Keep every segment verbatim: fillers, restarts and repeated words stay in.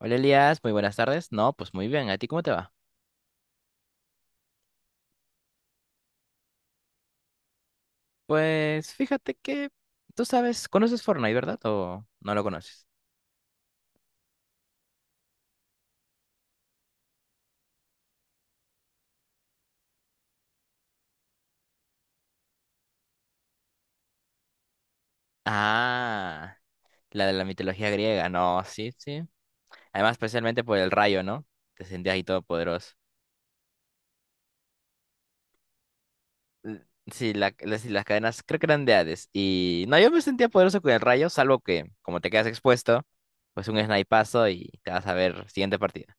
Hola Elías, muy buenas tardes. No, pues muy bien. ¿A ti cómo te va? Pues fíjate que tú sabes, conoces Fortnite, ¿verdad? ¿O no lo conoces? Ah, la de la mitología griega. No, sí, sí. Además, especialmente por el rayo, ¿no? Te sentías ahí todopoderoso. L- Sí, la- las, las cadenas creo que eran de Hades. Y no, yo me sentía poderoso con el rayo, salvo que como te quedas expuesto, pues un snipazo y te vas a ver siguiente partida.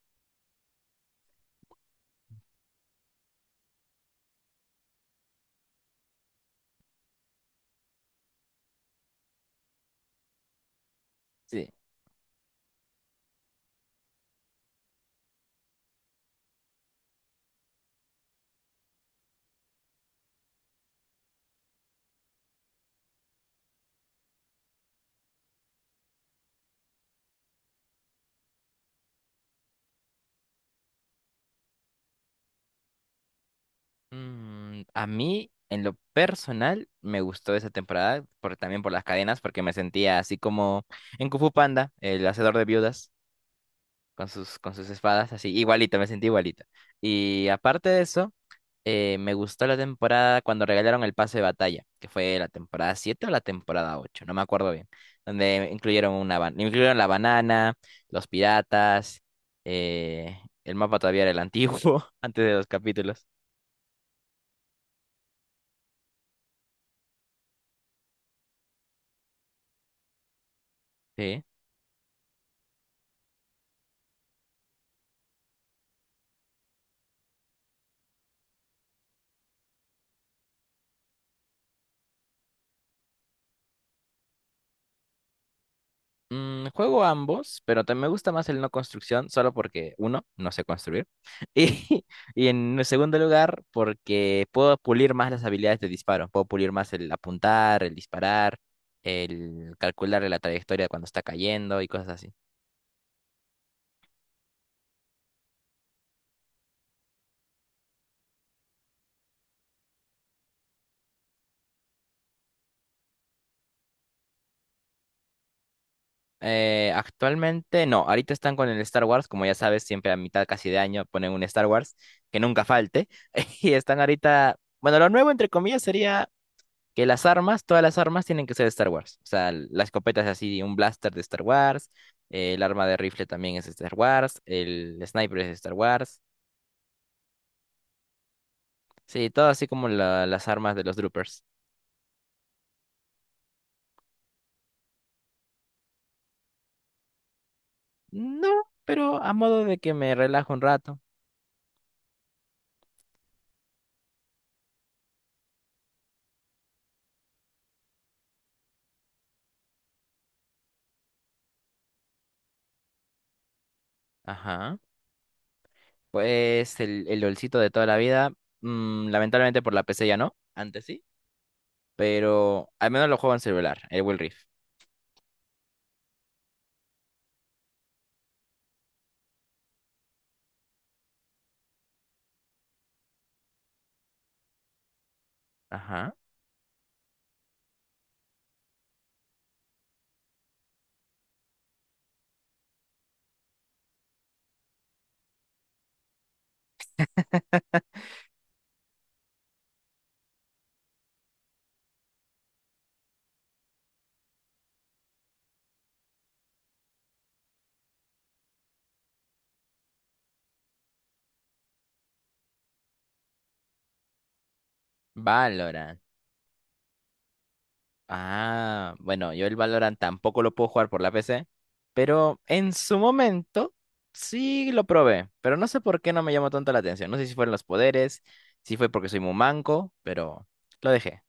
Mm, a mí, en lo personal, me gustó esa temporada, por, también por las cadenas, porque me sentía así como en Kung Fu Panda, el hacedor de viudas, con sus, con sus espadas, así, igualito, me sentí igualito. Y aparte de eso, eh, me gustó la temporada cuando regalaron el pase de batalla, que fue la temporada siete o la temporada ocho, no me acuerdo bien, donde incluyeron una, ba- incluyeron la banana, los piratas, eh, el mapa todavía era el antiguo, antes de los capítulos. Sí. Mm, juego ambos, pero también me gusta más el no construcción, solo porque, uno, no sé construir. Y, y en segundo lugar, porque puedo pulir más las habilidades de disparo. Puedo pulir más el apuntar, el disparar, el calcular la trayectoria cuando está cayendo y cosas así. Eh, actualmente, no, ahorita están con el Star Wars, como ya sabes, siempre a mitad casi de año ponen un Star Wars, que nunca falte. Y están ahorita, bueno, lo nuevo entre comillas sería. Que las armas, todas las armas tienen que ser de Star Wars. O sea, l- la escopeta es así, un blaster de Star Wars, eh, el arma de rifle también es de Star Wars, el sniper es de Star Wars. Sí, todo así como la- las armas de los droopers. No, pero a modo de que me relajo un rato. Ajá. Pues el, el LOLcito de toda la vida, mm, lamentablemente por la P C ya no, antes sí, pero al menos lo juego en celular, el Will Rift. Ajá. Valorant. Ah, bueno, yo el Valorant tampoco lo puedo jugar por la P C, pero en su momento sí lo probé, pero no sé por qué no me llamó tanto la atención. No sé si fueron los poderes, si fue porque soy muy manco, pero lo dejé.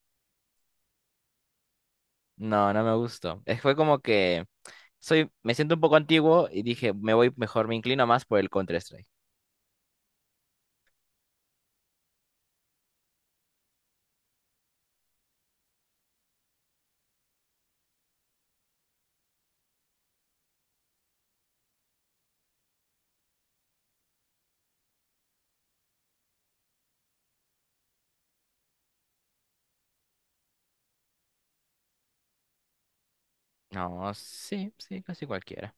No, no me gustó. Eh, Fue como que soy, me siento un poco antiguo y dije, me voy mejor, me inclino más por el Counter-Strike. No, sí, sí, casi cualquiera.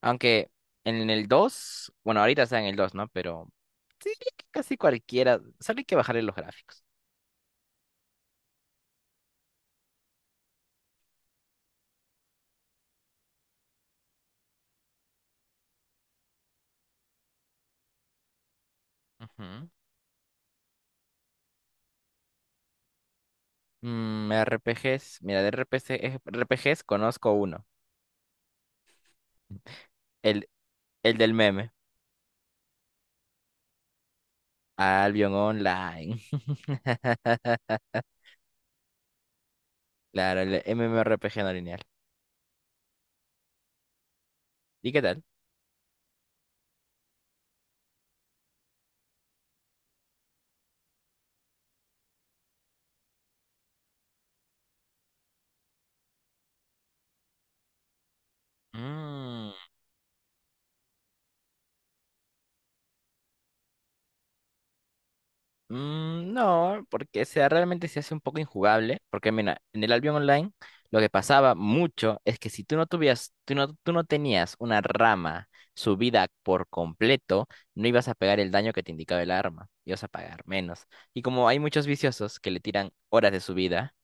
Aunque en el dos, bueno, ahorita está en el dos, ¿no? Pero sí, casi cualquiera. Solo hay que bajarle los gráficos. Ujú. Mm, R P Gs, mira, de R P G, es- R P Gs conozco uno, el, el del meme, Albion Online. Claro, el MMORPG no lineal. ¿Y qué tal? Mm, no, porque sea, realmente se hace un poco injugable, porque mira, en el Albion Online lo que pasaba mucho es que si tú no tuvías, tú no, tú no tenías una rama subida por completo, no ibas a pegar el daño que te indicaba el arma, ibas a pagar menos. Y como hay muchos viciosos que le tiran horas de subida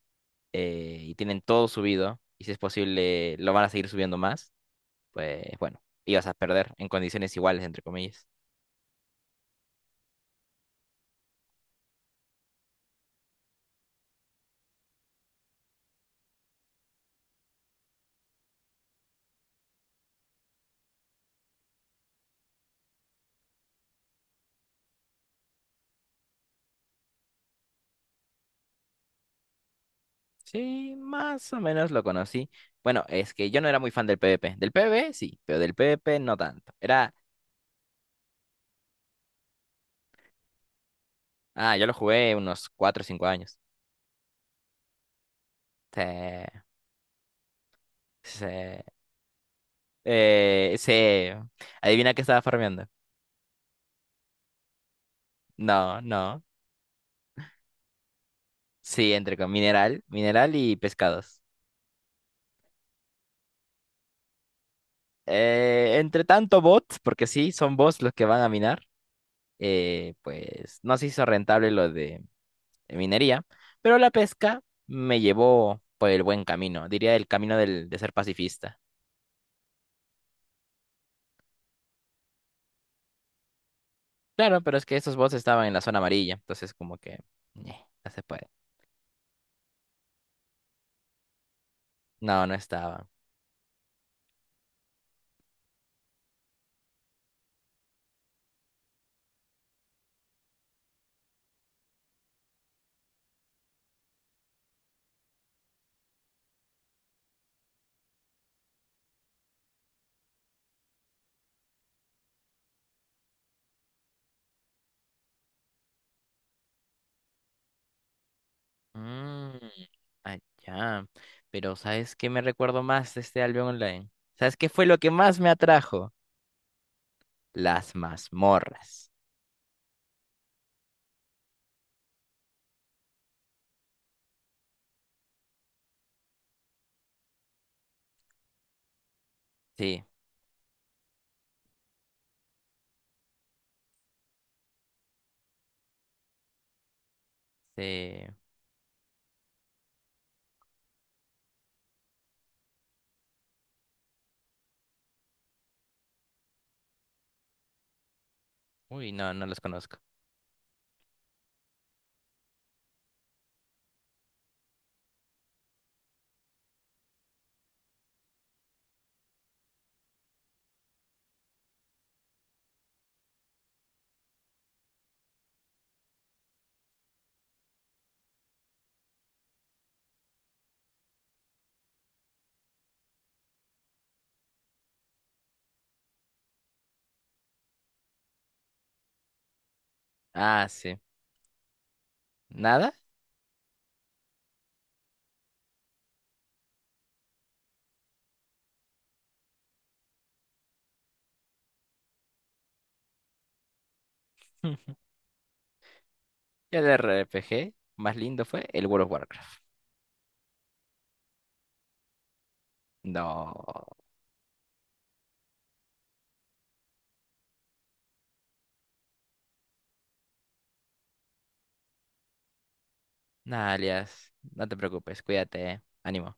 eh, y tienen todo subido, y si es posible lo van a seguir subiendo más, pues bueno, ibas a perder en condiciones iguales, entre comillas. Sí, más o menos lo conocí. Bueno, es que yo no era muy fan del PvP. Del PvP sí, pero del PvP no tanto. Era, ah, yo lo jugué unos cuatro o cinco años. Se, se, eh, se, Adivina qué estaba farmeando. No, no. Sí, entre con mineral, mineral y pescados. Eh, entre tanto bots, porque sí, son bots los que van a minar, eh, pues no se hizo rentable lo de en minería, pero la pesca me llevó por el buen camino, diría el camino del, de ser pacifista. Claro, pero es que esos bots estaban en la zona amarilla, entonces como que ñe, no se puede. No, no estaban. Mm, allá. Pero ¿sabes qué me recuerdo más de este Albion Online? ¿Sabes qué fue lo que más me atrajo? Las mazmorras. Sí, sí. Uy, no, no los conozco. Ah, sí. ¿Nada? El R P G más lindo fue el World of Warcraft. No. Nada, Elias, no te preocupes, cuídate, eh. Ánimo.